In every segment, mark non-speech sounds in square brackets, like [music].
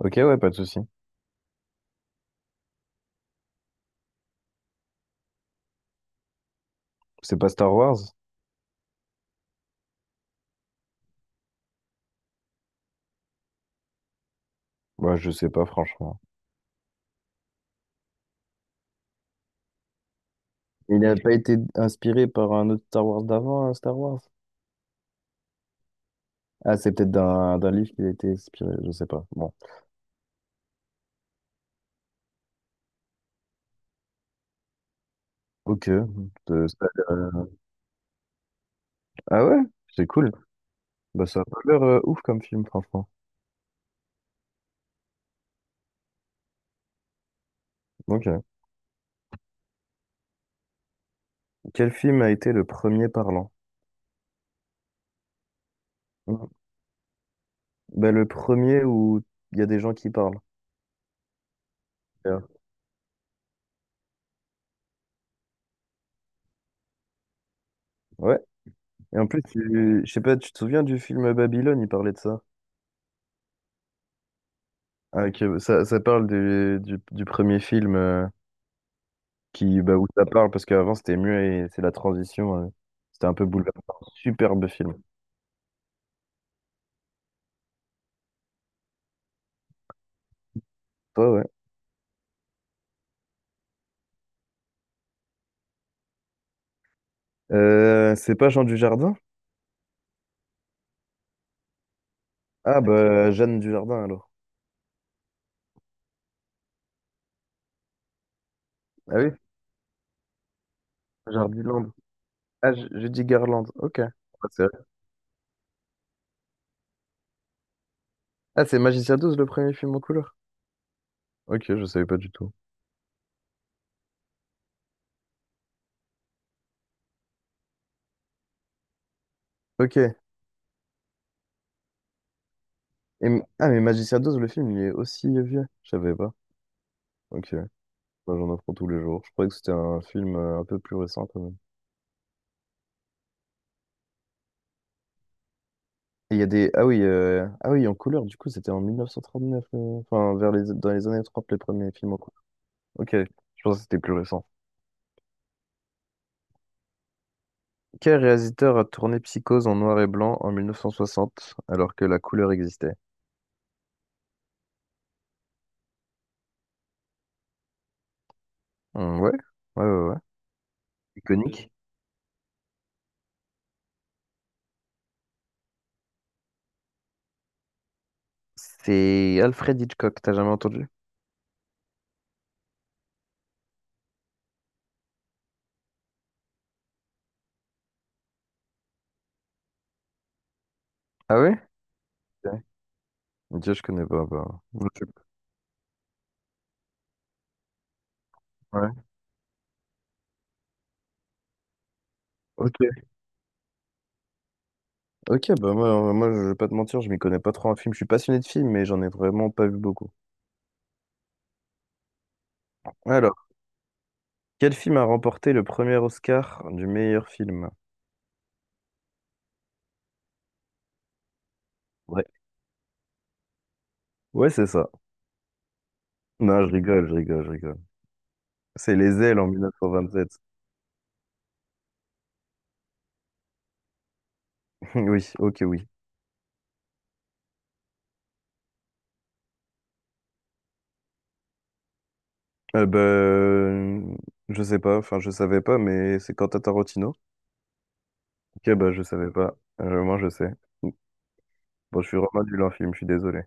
Ok, ouais, pas de souci. C'est pas Star Wars? Bah, je sais pas, franchement. Il n'a pas été inspiré par un autre Star Wars d'avant, un Star Wars? Ah, c'est peut-être d'un livre qu'il a été inspiré, je sais pas. Bon. Ok. Ça a l'air... Ah ouais? C'est cool. Bah, ça a pas l'air ouf comme film, franchement. Ok. Quel film a été le premier parlant? Mhm. Bah, le premier où il y a des gens qui parlent. Yeah. Ouais. Et en plus, je sais pas, tu te souviens du film Babylone, il parlait de ça. Ah, ok. Ça parle du premier film. Qui bah, où ça parle parce qu'avant c'était muet et c'est la transition. C'était un peu bouleversant, superbe film. Toi, ouais. C'est pas Jean Dujardin. Ah, bah, Jeanne Dujardin alors. Ah oui, Jardiland. Ah, je dis Garland, ok. Ah, c'est vrai. Ah, c'est Magicien douze le premier film en couleur. Ok, je savais pas du tout. Ok. Et ah mais Magicien 12 le film, il est aussi vieux, je savais pas. Ok, moi j'en apprends tous les jours, je croyais que c'était un film un peu plus récent quand... Et il y a des... Ah oui, ah oui, en couleur, du coup, c'était en 1939, enfin, vers les... dans les années 30, les premiers films en couleur. Ok, je pense que c'était plus récent. Quel réalisateur a tourné Psychose en noir et blanc en 1960, alors que la couleur existait? Ouais, ouais, ouais, ouais. Iconique. C'est Alfred Hitchcock, t'as jamais entendu? Ah ouais? Ouais. Dieu, je connais pas, bah. Ok. Ouais. Ok. Ok, bah moi, je vais pas te mentir, je m'y connais pas trop en film. Je suis passionné de films, mais j'en ai vraiment pas vu beaucoup. Alors, quel film a remporté le premier Oscar du meilleur film? Ouais. Ouais, c'est ça. Non, je rigole, je rigole, je rigole. C'est Les Ailes en 1927. [laughs] Oui, ok, oui. Ben, je sais pas, enfin, je savais pas, mais c'est Quentin Tarantino. Ok, bah, je savais pas. Moi, je sais. Bon, je suis vraiment nul en film, je suis désolé.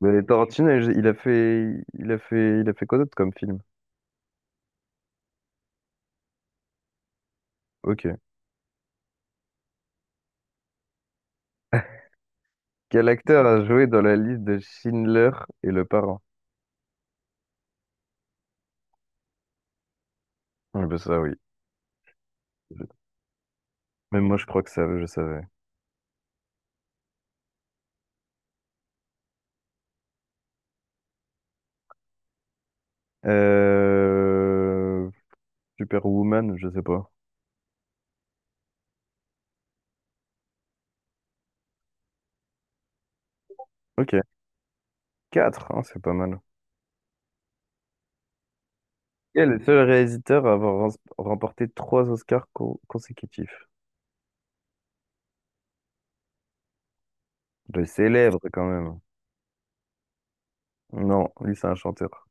Mais Tarantino, il a fait, il a fait quoi d'autre comme film? Ok. [laughs] Quel acteur a joué dans la liste de Schindler et Le Parrain? Ah, ben, ça, oui. Même moi, je crois que ça, je savais. Euh... Superwoman, je sais pas. Ok. 4, c'est pas mal. Quel est le seul réalisateur à avoir remporté trois Oscars consécutifs? Le célèbre, quand même. Non, lui, c'est un chanteur.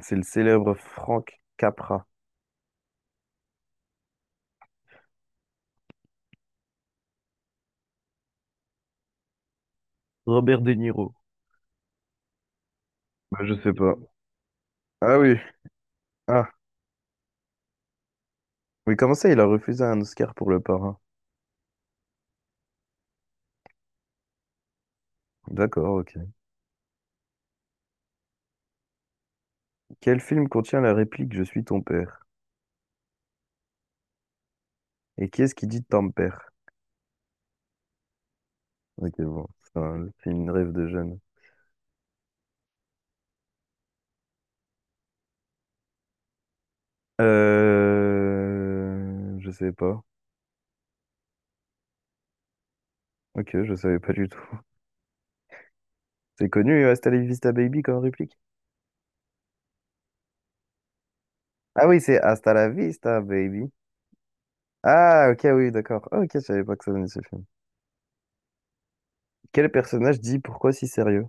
C'est le célèbre Frank Capra. Robert De Niro. Bah, je sais pas. Ah oui. Ah. Mais comment ça, il a refusé un Oscar pour Le Parrain? D'accord, ok. Quel film contient la réplique «Je suis ton père»? Et qui est-ce qui dit ton père? Ok, bon. C'est un film Rêve de jeune. Je savais pas. Ok, je savais pas du tout. [laughs] C'est connu, Hasta la vista baby, comme réplique? Ah oui, c'est Hasta la vista baby. Ah, ok, oui, d'accord. Ah, ok, je savais pas que ça venait de ce film. Quel personnage dit pourquoi si sérieux?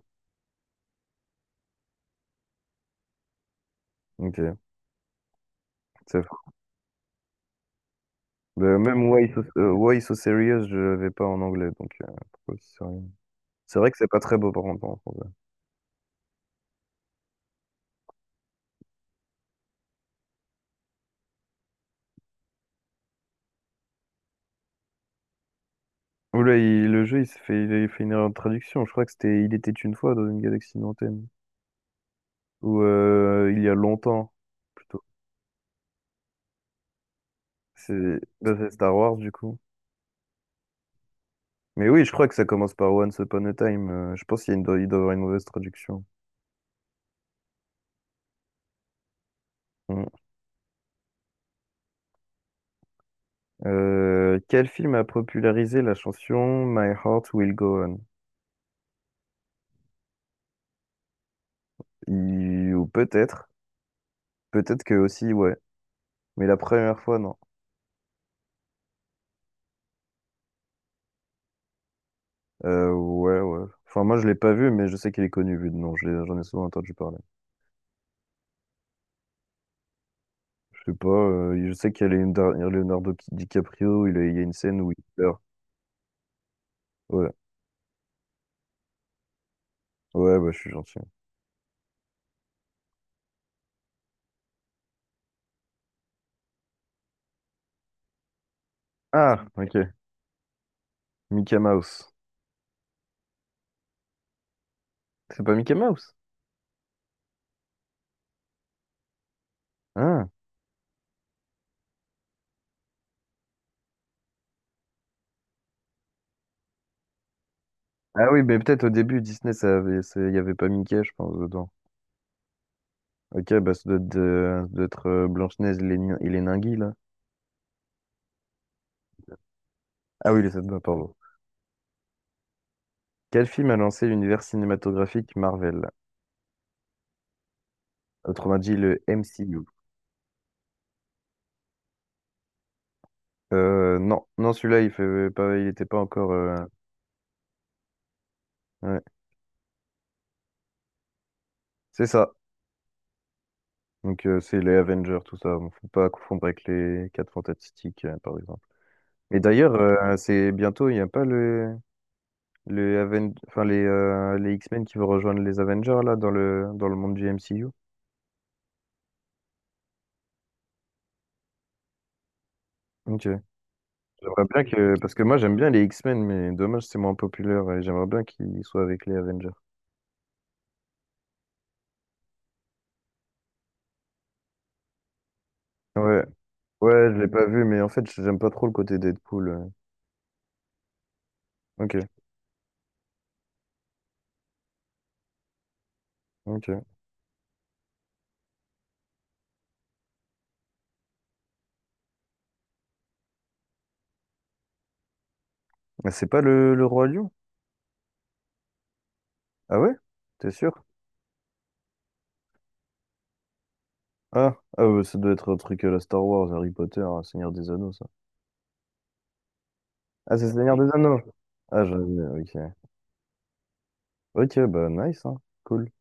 Ok, c'est fou. Même Why so serious, je l'avais pas en anglais, donc pourquoi si sérieux? C'est vrai que c'est pas très beau par contre en français. Oula, le jeu, il s'est fait, il a fait une erreur de traduction. Je crois que c'était Il était une fois dans une galaxie lointaine. Ou il y a longtemps. C'est bah, c'est Star Wars, du coup. Mais oui, je crois que ça commence par Once Upon a Time. Je pense qu'il y a il doit y avoir une mauvaise traduction. Mm. Quel film a popularisé la chanson My Heart Will Go On? Ou peut-être, peut-être que aussi, ouais. Mais la première fois, non. Ouais, ouais. Enfin, moi, je l'ai pas vu, mais je sais qu'il est connu vu de nom. J'en ai souvent entendu parler. Je sais pas, je sais qu'il y a Leonardo DiCaprio, il y a une scène où il pleure. Ouais, ouais, bah, je suis gentil. Ah, ok. Mickey Mouse. C'est pas Mickey Mouse? Ah. Ah oui, mais peut-être au début, Disney, ça avait, il y avait pas Mickey, je pense, dedans. Ok, bah ça doit être, ça doit être Blanche-Neige et les, et les Ninguis, là. Ah oui, les sept nains, pardon. Quel film a lancé l'univers cinématographique Marvel? Autrement dit, le MCU. Non, non, celui-là, il fait pas, il était pas encore... ouais. C'est ça. Donc, c'est les Avengers, tout ça. Bon, faut pas confondre avec les Quatre Fantastiques, par exemple. Et d'ailleurs, c'est bientôt, il n'y a pas le... Les, enfin, les X-Men qui vont rejoindre les Avengers là dans le monde du MCU. Ok. J'aimerais bien que... Parce que moi j'aime bien les X-Men, mais dommage c'est moins populaire et j'aimerais bien qu'ils soient avec les Avengers. Ouais. Ouais, je l'ai pas vu, mais en fait j'aime pas trop le côté Deadpool. Ok, ok. Mais c'est pas le Roi Lion? Ah ouais? T'es sûr? Ah, ah ouais, ça doit être un truc à la Star Wars, Harry Potter, hein, Seigneur des Anneaux, ça. Ah, c'est Seigneur des Anneaux. Ah, j'avais. Ok. Ok, bah nice, hein. Cool.